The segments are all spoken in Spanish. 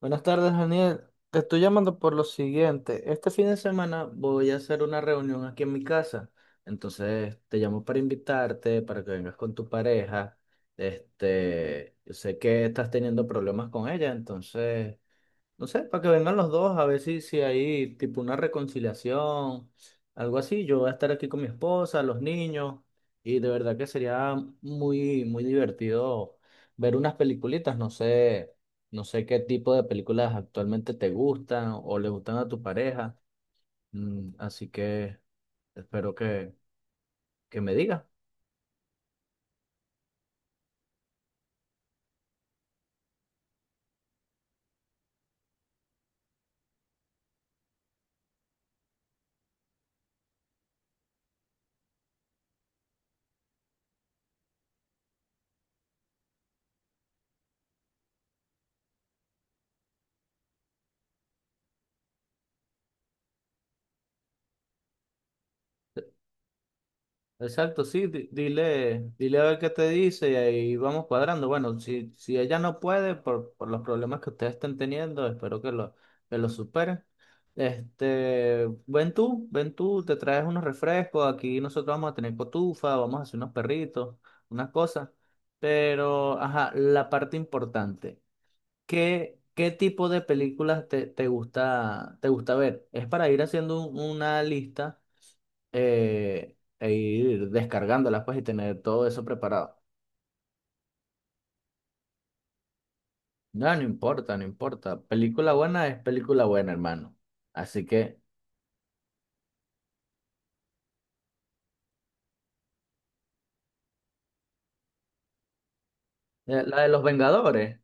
Buenas tardes, Daniel. Te estoy llamando por lo siguiente. Este fin de semana voy a hacer una reunión aquí en mi casa. Entonces, te llamo para invitarte, para que vengas con tu pareja. Este, yo sé que estás teniendo problemas con ella, entonces no sé, para que vengan los dos, a ver si hay tipo una reconciliación, algo así. Yo voy a estar aquí con mi esposa, los niños, y de verdad que sería muy, muy divertido ver unas peliculitas. No sé, no sé qué tipo de películas actualmente te gustan o le gustan a tu pareja. Así que espero que, que me digas. Exacto, sí, dile, dile a ver qué te dice y ahí vamos cuadrando. Bueno, si ella no puede por los problemas que ustedes estén teniendo, que lo superen. Este, ven tú, te traes unos refrescos, aquí nosotros vamos a tener cotufa, vamos a hacer unos perritos, unas cosas. Pero, ajá, la parte importante, qué tipo de películas te gusta ver? Es para ir haciendo una lista e ir descargándolas pues y tener todo eso preparado. No, no importa, no importa. Película buena es película buena, hermano. Así que, la de los Vengadores.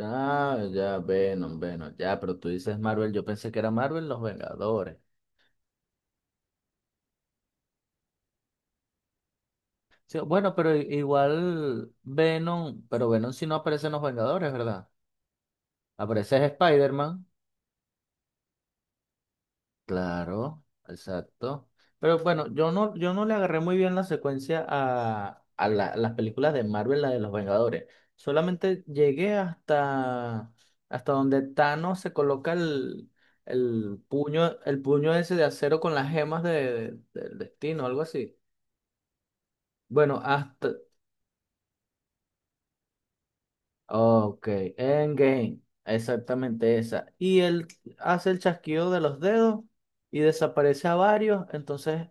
Ah, ya, Venom, Venom, ya, pero tú dices Marvel, yo pensé que era Marvel los Vengadores. Sí, bueno, pero igual Venom, pero Venom si no aparece en los Vengadores, ¿verdad? Aparece es Spider-Man. Claro, exacto. Pero bueno, yo no le agarré muy bien la secuencia a las películas de Marvel, la de los Vengadores. Solamente llegué hasta, hasta donde Thanos se coloca el puño ese de acero con las gemas del destino, algo así. Bueno, hasta. Ok, Endgame. Exactamente esa. Y él hace el chasquido de los dedos y desaparece a varios. Entonces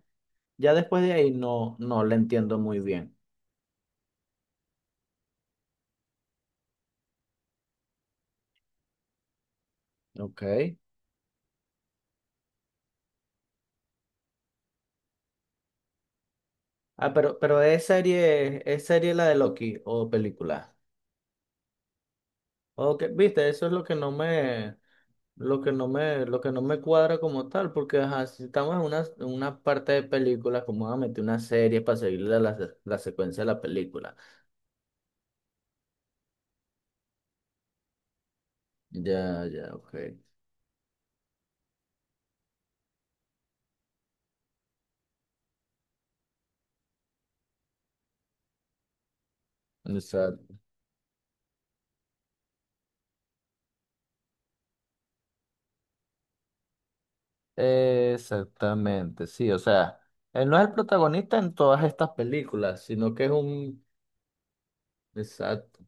ya después de ahí no, no la entiendo muy bien. Ok. Ah, pero es serie la de Loki o película. Ok, viste, eso es lo que no me, lo que no me, lo que no me cuadra como tal, porque ajá, si estamos en una parte de película, ¿como van a meter una serie para seguir la secuencia de la película? Ya, ya, ok. Exact- Exactamente, sí, o sea, él no es el protagonista en todas estas películas, sino que es un... Exacto.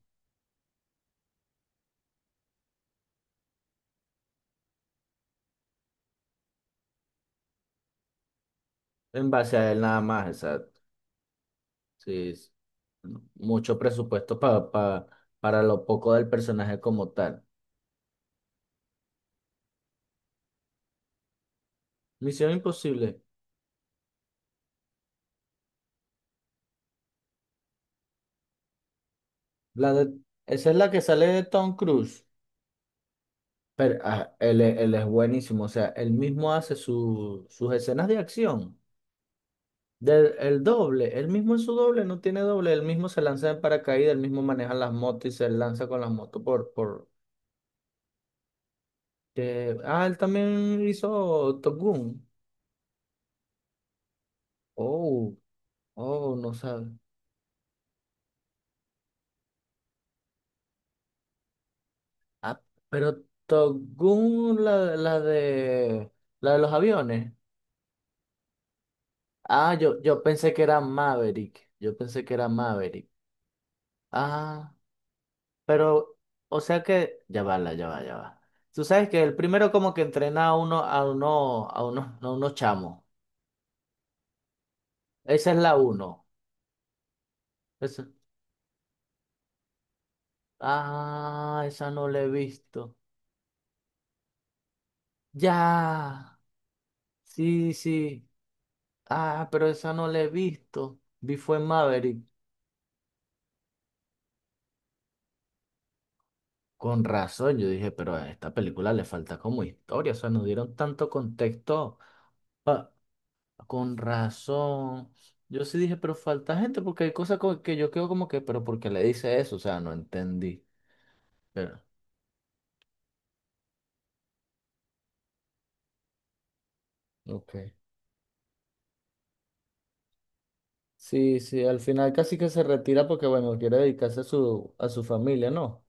En base a él nada más, exacto. Sí, es mucho presupuesto para lo poco del personaje como tal. Misión Imposible. La de- esa es la que sale de Tom Cruise. Pero ah, es él es buenísimo. O sea, él mismo hace sus escenas de acción. El doble. Él mismo es su doble, no tiene doble. Él mismo se lanza en paracaídas, él mismo maneja las motos y se lanza con las motos por... ah, él también hizo Top Gun. Oh, oh, no sabe. Ah, pero Togun, la de los aviones. Ah, yo pensé que era Maverick. Yo pensé que era Maverick. Ah, pero, o sea que, ya va, ya va, ya va. Tú sabes que el primero como que entrena a uno, a uno, a uno, a unos chamos. Esa es la uno. Esa- Ah, esa no la he visto. Ya. Sí, sí. Ah, pero esa no la he visto. Vi fue Maverick. Con razón, yo dije, pero a esta película le falta como historia, o sea, nos dieron tanto contexto. pa- con razón. Yo sí dije, pero falta gente, porque hay cosas que yo quedo como que, pero ¿por qué le dice eso? O sea, no entendí. Pero, ok. Sí, sí, al final casi que se retira porque, bueno, quiere dedicarse a a su familia, ¿no?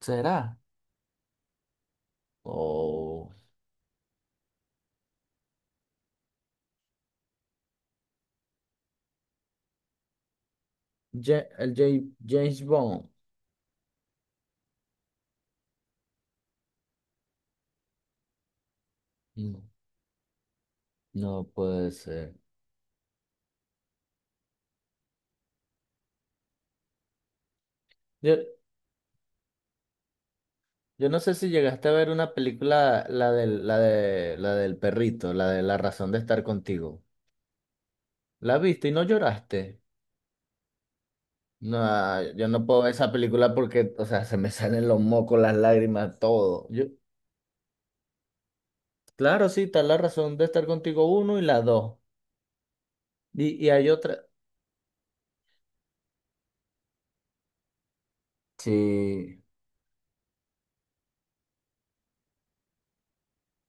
¿Será? O James Bond. No, no puede ser. Yo no sé si llegaste a ver una película, la del perrito, la de La razón de estar contigo. ¿La viste y no lloraste? No, ah, yo no puedo ver esa película porque, o sea, se me salen los mocos, las lágrimas, todo. Yo, claro, sí, está La razón de estar contigo uno y la dos. Y hay otra. Sí.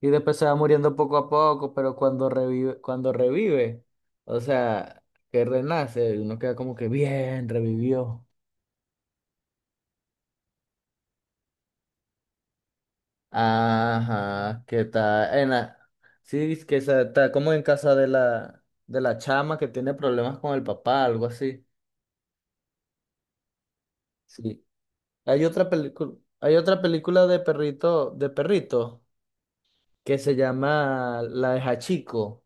Y después se va muriendo poco a poco, pero cuando revive, o sea, que renace, uno queda como que bien, revivió. Ajá, ¿qué tal? Sí, es que está como en casa de de la chama que tiene problemas con el papá, algo así. Sí. Hay otra película, hay otra película de perrito, que se llama La de Hachiko.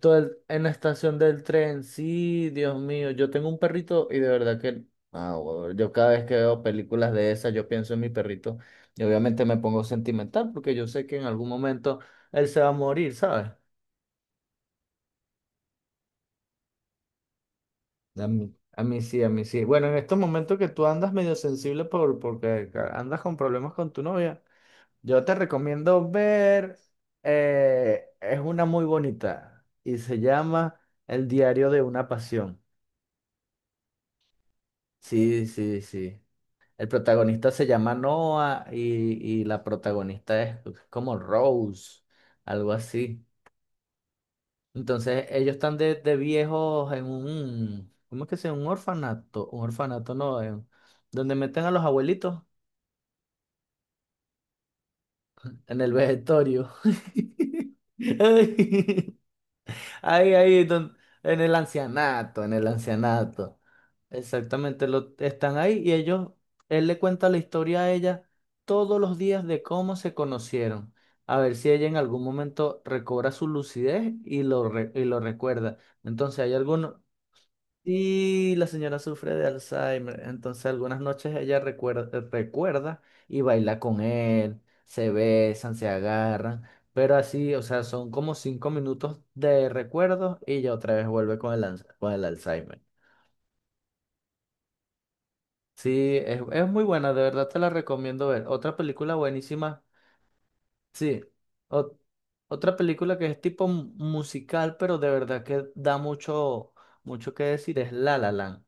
En la estación del tren. Sí, Dios mío, yo tengo un perrito y de verdad que ah, huevón, yo cada vez que veo películas de esas, yo pienso en mi perrito y obviamente me pongo sentimental porque yo sé que en algún momento él se va a morir, ¿sabes? A mí sí, a mí sí. Bueno, en estos momentos que tú andas medio sensible porque andas con problemas con tu novia, yo te recomiendo ver, es una muy bonita y se llama El diario de una pasión. Sí, sí, sí. El protagonista se llama Noah y la protagonista es como Rose, algo así. Entonces, ellos están de viejos en un, ¿cómo es que se llama? Un orfanato no, donde meten a los abuelitos en el vegetorio. Ay, ahí, ahí, en el ancianato, en el ancianato. Exactamente, lo, están ahí y ellos, él le cuenta la historia a ella todos los días de cómo se conocieron. A ver si ella en algún momento recobra su lucidez y y lo recuerda. Entonces, hay algunos. Y la señora sufre de Alzheimer, entonces algunas noches ella recuerda, recuerda y baila con él, se besan, se agarran, pero así, o sea, son como cinco minutos de recuerdo y ya otra vez vuelve con el, con el Alzheimer. Sí, es muy buena, de verdad te la recomiendo ver. Otra película buenísima, sí, o- otra película que es tipo musical, pero de verdad que da mucho, mucho que decir, es La La Land.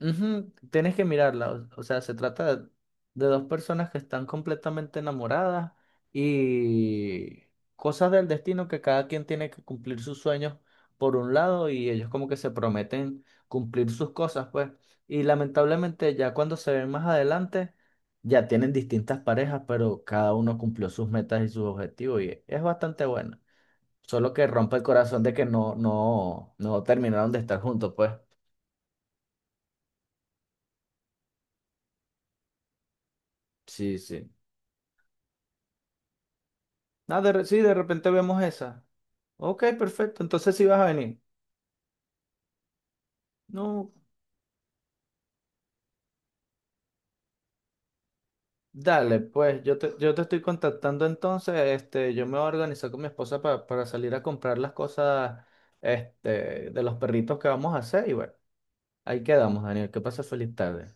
Ujú, tienes que mirarla, o sea, se trata de dos personas que están completamente enamoradas y cosas del destino que cada quien tiene que cumplir sus sueños por un lado y ellos como que se prometen cumplir sus cosas, pues. Y lamentablemente ya cuando se ven más adelante, ya tienen distintas parejas, pero cada uno cumplió sus metas y sus objetivos y es bastante bueno. Solo que rompe el corazón de que no terminaron de estar juntos, pues. Sí, sí. Ah, sí, de repente vemos esa. Ok, perfecto. Entonces sí vas a venir. No, dale, pues yo te estoy contactando entonces. Este, yo me voy a organizar con mi esposa para salir a comprar las cosas este, de los perritos que vamos a hacer. Y bueno, ahí quedamos, Daniel. Que pases feliz tarde.